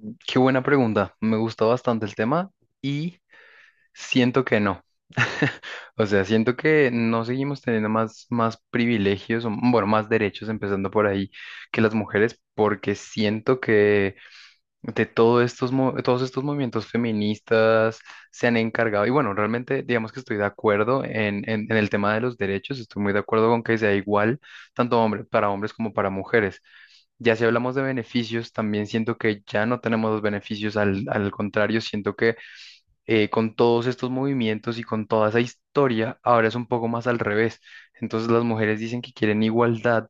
Qué buena pregunta. Me gusta bastante el tema y siento que no. O sea, siento que no seguimos teniendo más privilegios, o, bueno, más derechos, empezando por ahí, que las mujeres, porque siento que de todo estos, todos estos movimientos feministas se han encargado, y bueno, realmente digamos que estoy de acuerdo en, en el tema de los derechos, estoy muy de acuerdo con que sea igual para hombres como para mujeres. Ya si hablamos de beneficios, también siento que ya no tenemos los beneficios, al contrario, siento que con todos estos movimientos y con toda esa historia, ahora es un poco más al revés. Entonces las mujeres dicen que quieren igualdad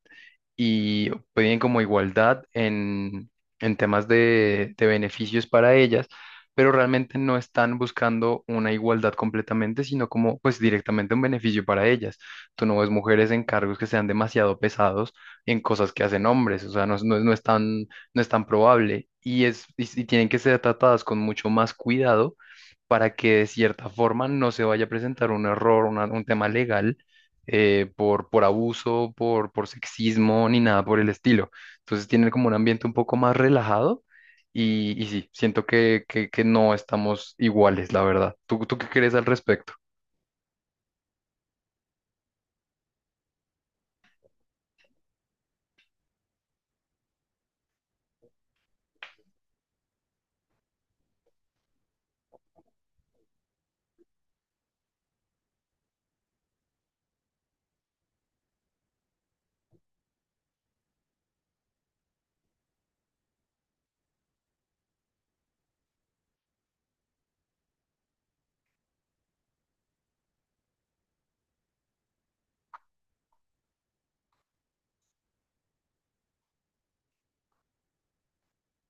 y piden como igualdad en temas de beneficios para ellas, pero realmente no están buscando una igualdad completamente, sino como pues directamente un beneficio para ellas. Tú no ves mujeres en cargos que sean demasiado pesados en cosas que hacen hombres, o sea, no, es- no, es no es tan, no es tan probable. Y, es, y tienen que ser tratadas con mucho más cuidado para que de cierta forma no se vaya a presentar un error, un tema legal por abuso, por sexismo, ni nada por el estilo. Entonces tienen como un ambiente un poco más relajado y sí, siento que, que no estamos iguales, la verdad. ¿Tú qué crees al respecto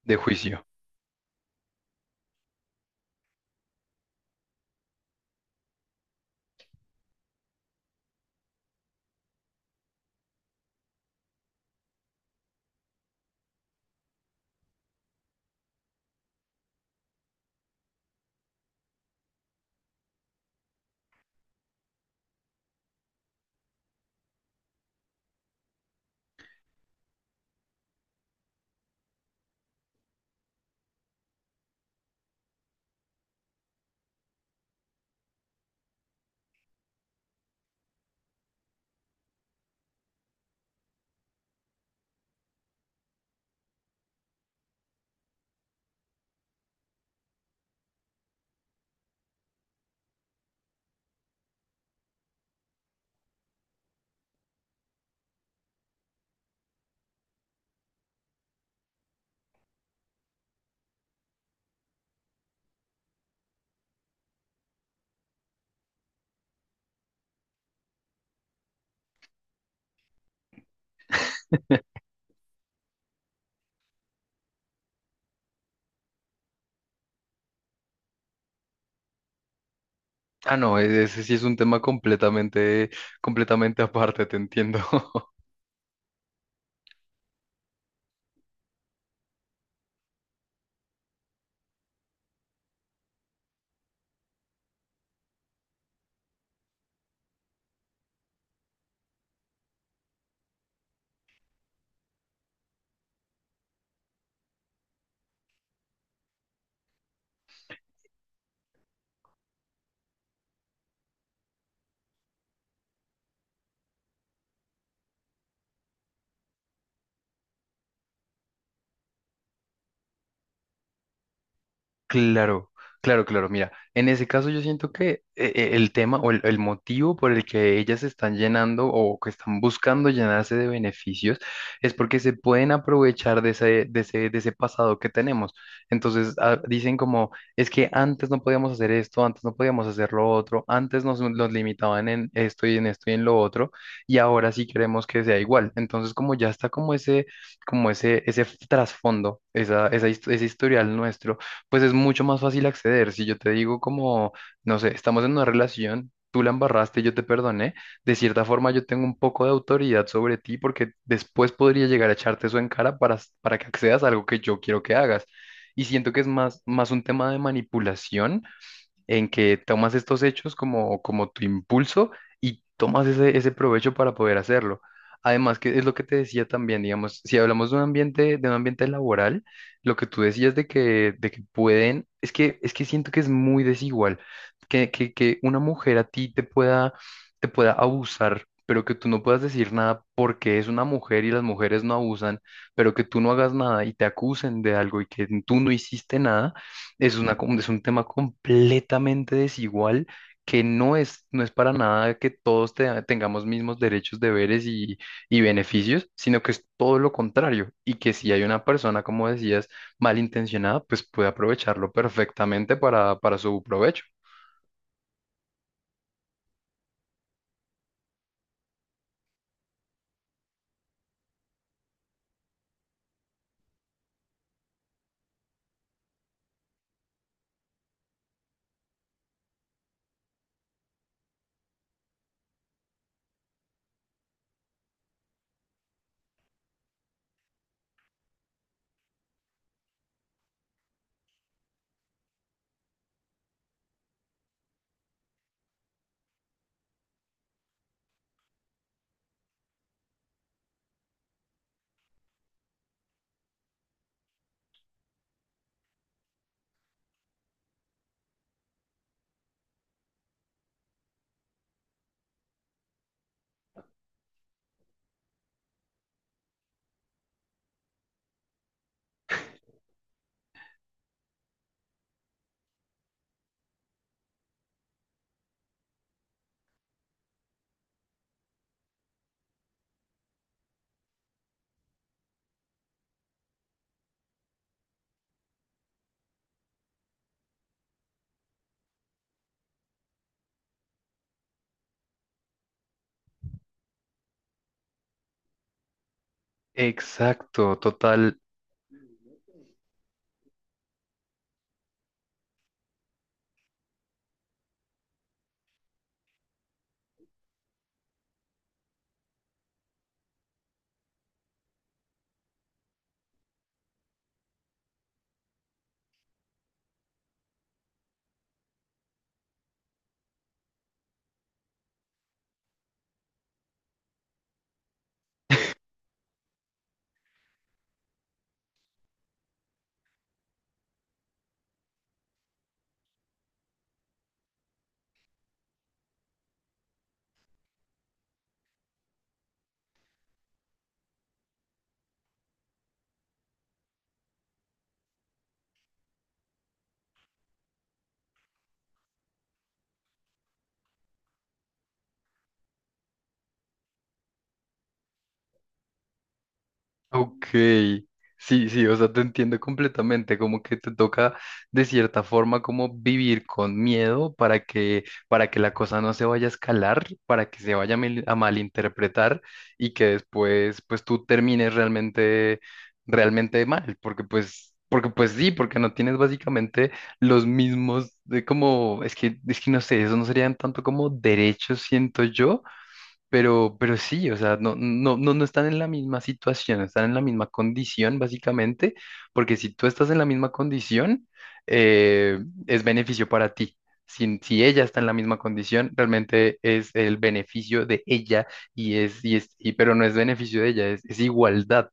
de juicio? Ah, no, ese sí es un tema completamente, completamente aparte, te entiendo. Claro, claro, claro. Mira, en ese caso yo siento que el tema o el motivo por el que ellas se están llenando o que están buscando llenarse de beneficios es porque se pueden aprovechar de ese, de ese, de ese pasado que tenemos. Entonces ah, dicen como, es que antes no podíamos hacer esto, antes no podíamos hacer lo otro, antes nos, nos limitaban en esto y en esto y en lo otro, y ahora sí queremos que sea igual. Entonces como ya está como ese trasfondo, esa, ese historial nuestro pues es mucho más fácil acceder. Si yo te digo como, no sé, estamos en una relación, tú la embarraste, yo te perdoné, de cierta forma yo tengo un poco de autoridad sobre ti porque después podría llegar a echarte eso en cara para, para que accedas a algo que yo quiero que hagas. Y siento que es más un tema de manipulación en que tomas estos hechos como, como tu impulso y tomas ese, ese provecho para poder hacerlo. Además, que es lo que te decía también, digamos, si hablamos de un ambiente laboral, lo que tú decías de que pueden, es que siento que es muy desigual, que, que una mujer a ti te pueda abusar, pero que tú no puedas decir nada porque es una mujer y las mujeres no abusan, pero que tú no hagas nada y te acusen de algo y que tú no hiciste nada es una, es un tema completamente desigual que no es, no es para nada que todos tengamos mismos derechos, deberes y beneficios, sino que es todo lo contrario y que si hay una persona, como decías, malintencionada, pues puede aprovecharlo perfectamente para su provecho. Exacto, total. Ok, sí, sí, o sea, te entiendo completamente, como que te toca de cierta forma como vivir con miedo para que la cosa no se vaya a escalar, para que se vaya a a malinterpretar y que después pues tú termines realmente, realmente mal, porque pues sí, porque no tienes básicamente los mismos de como, es que no sé, eso no serían tanto como derechos, siento yo, pero sí, o sea, no, no, no, no están en la misma situación, están en la misma condición, básicamente, porque si tú estás en la misma condición, eh, es beneficio para ti. Si ella está en la misma condición, realmente es el beneficio de ella y es, y es, y, pero no es beneficio de ella, es igualdad.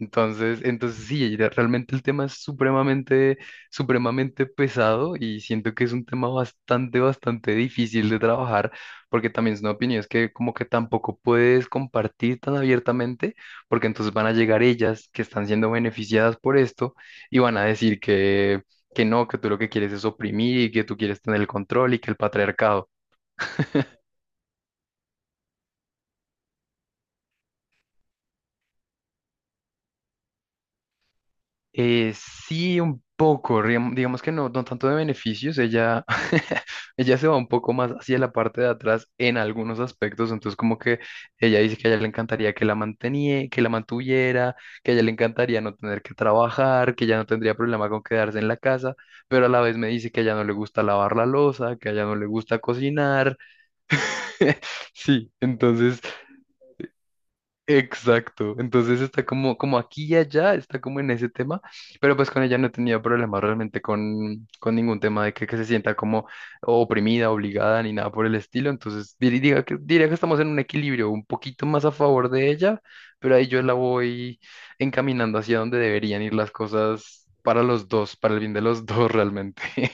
Entonces, entonces sí, realmente el tema es supremamente, supremamente pesado y siento que es un tema bastante, bastante difícil de trabajar porque también son opiniones que como que tampoco puedes compartir tan abiertamente porque entonces van a llegar ellas que están siendo beneficiadas por esto y van a decir que no, que tú lo que quieres es oprimir y que tú quieres tener el control y que el patriarcado. Sí, un poco, digamos que no, no tanto de beneficios, ella, ella se va un poco más hacia la parte de atrás en algunos aspectos, entonces como que ella dice que a ella le encantaría que la mantenía, que la mantuviera, que a ella le encantaría no tener que trabajar, que ella no tendría problema con quedarse en la casa, pero a la vez me dice que a ella no le gusta lavar la loza, que a ella no le gusta cocinar, sí, entonces Exacto, entonces está como, como aquí y allá, está como en ese tema, pero pues con ella no he tenido problemas realmente con ningún tema de que se sienta como oprimida, obligada, ni nada por el estilo, entonces diga que, diría que estamos en un equilibrio un poquito más a favor de ella, pero ahí yo la voy encaminando hacia donde deberían ir las cosas para los dos, para el bien de los dos realmente.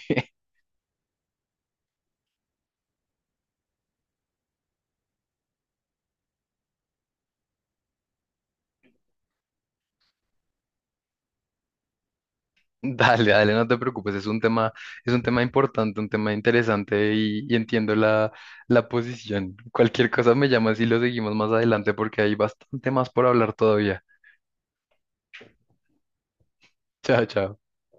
Dale, dale, no te preocupes, es un tema importante, un tema interesante y entiendo la, la posición. Cualquier cosa me llamas y lo seguimos más adelante porque hay bastante más por hablar todavía. Chao, chao.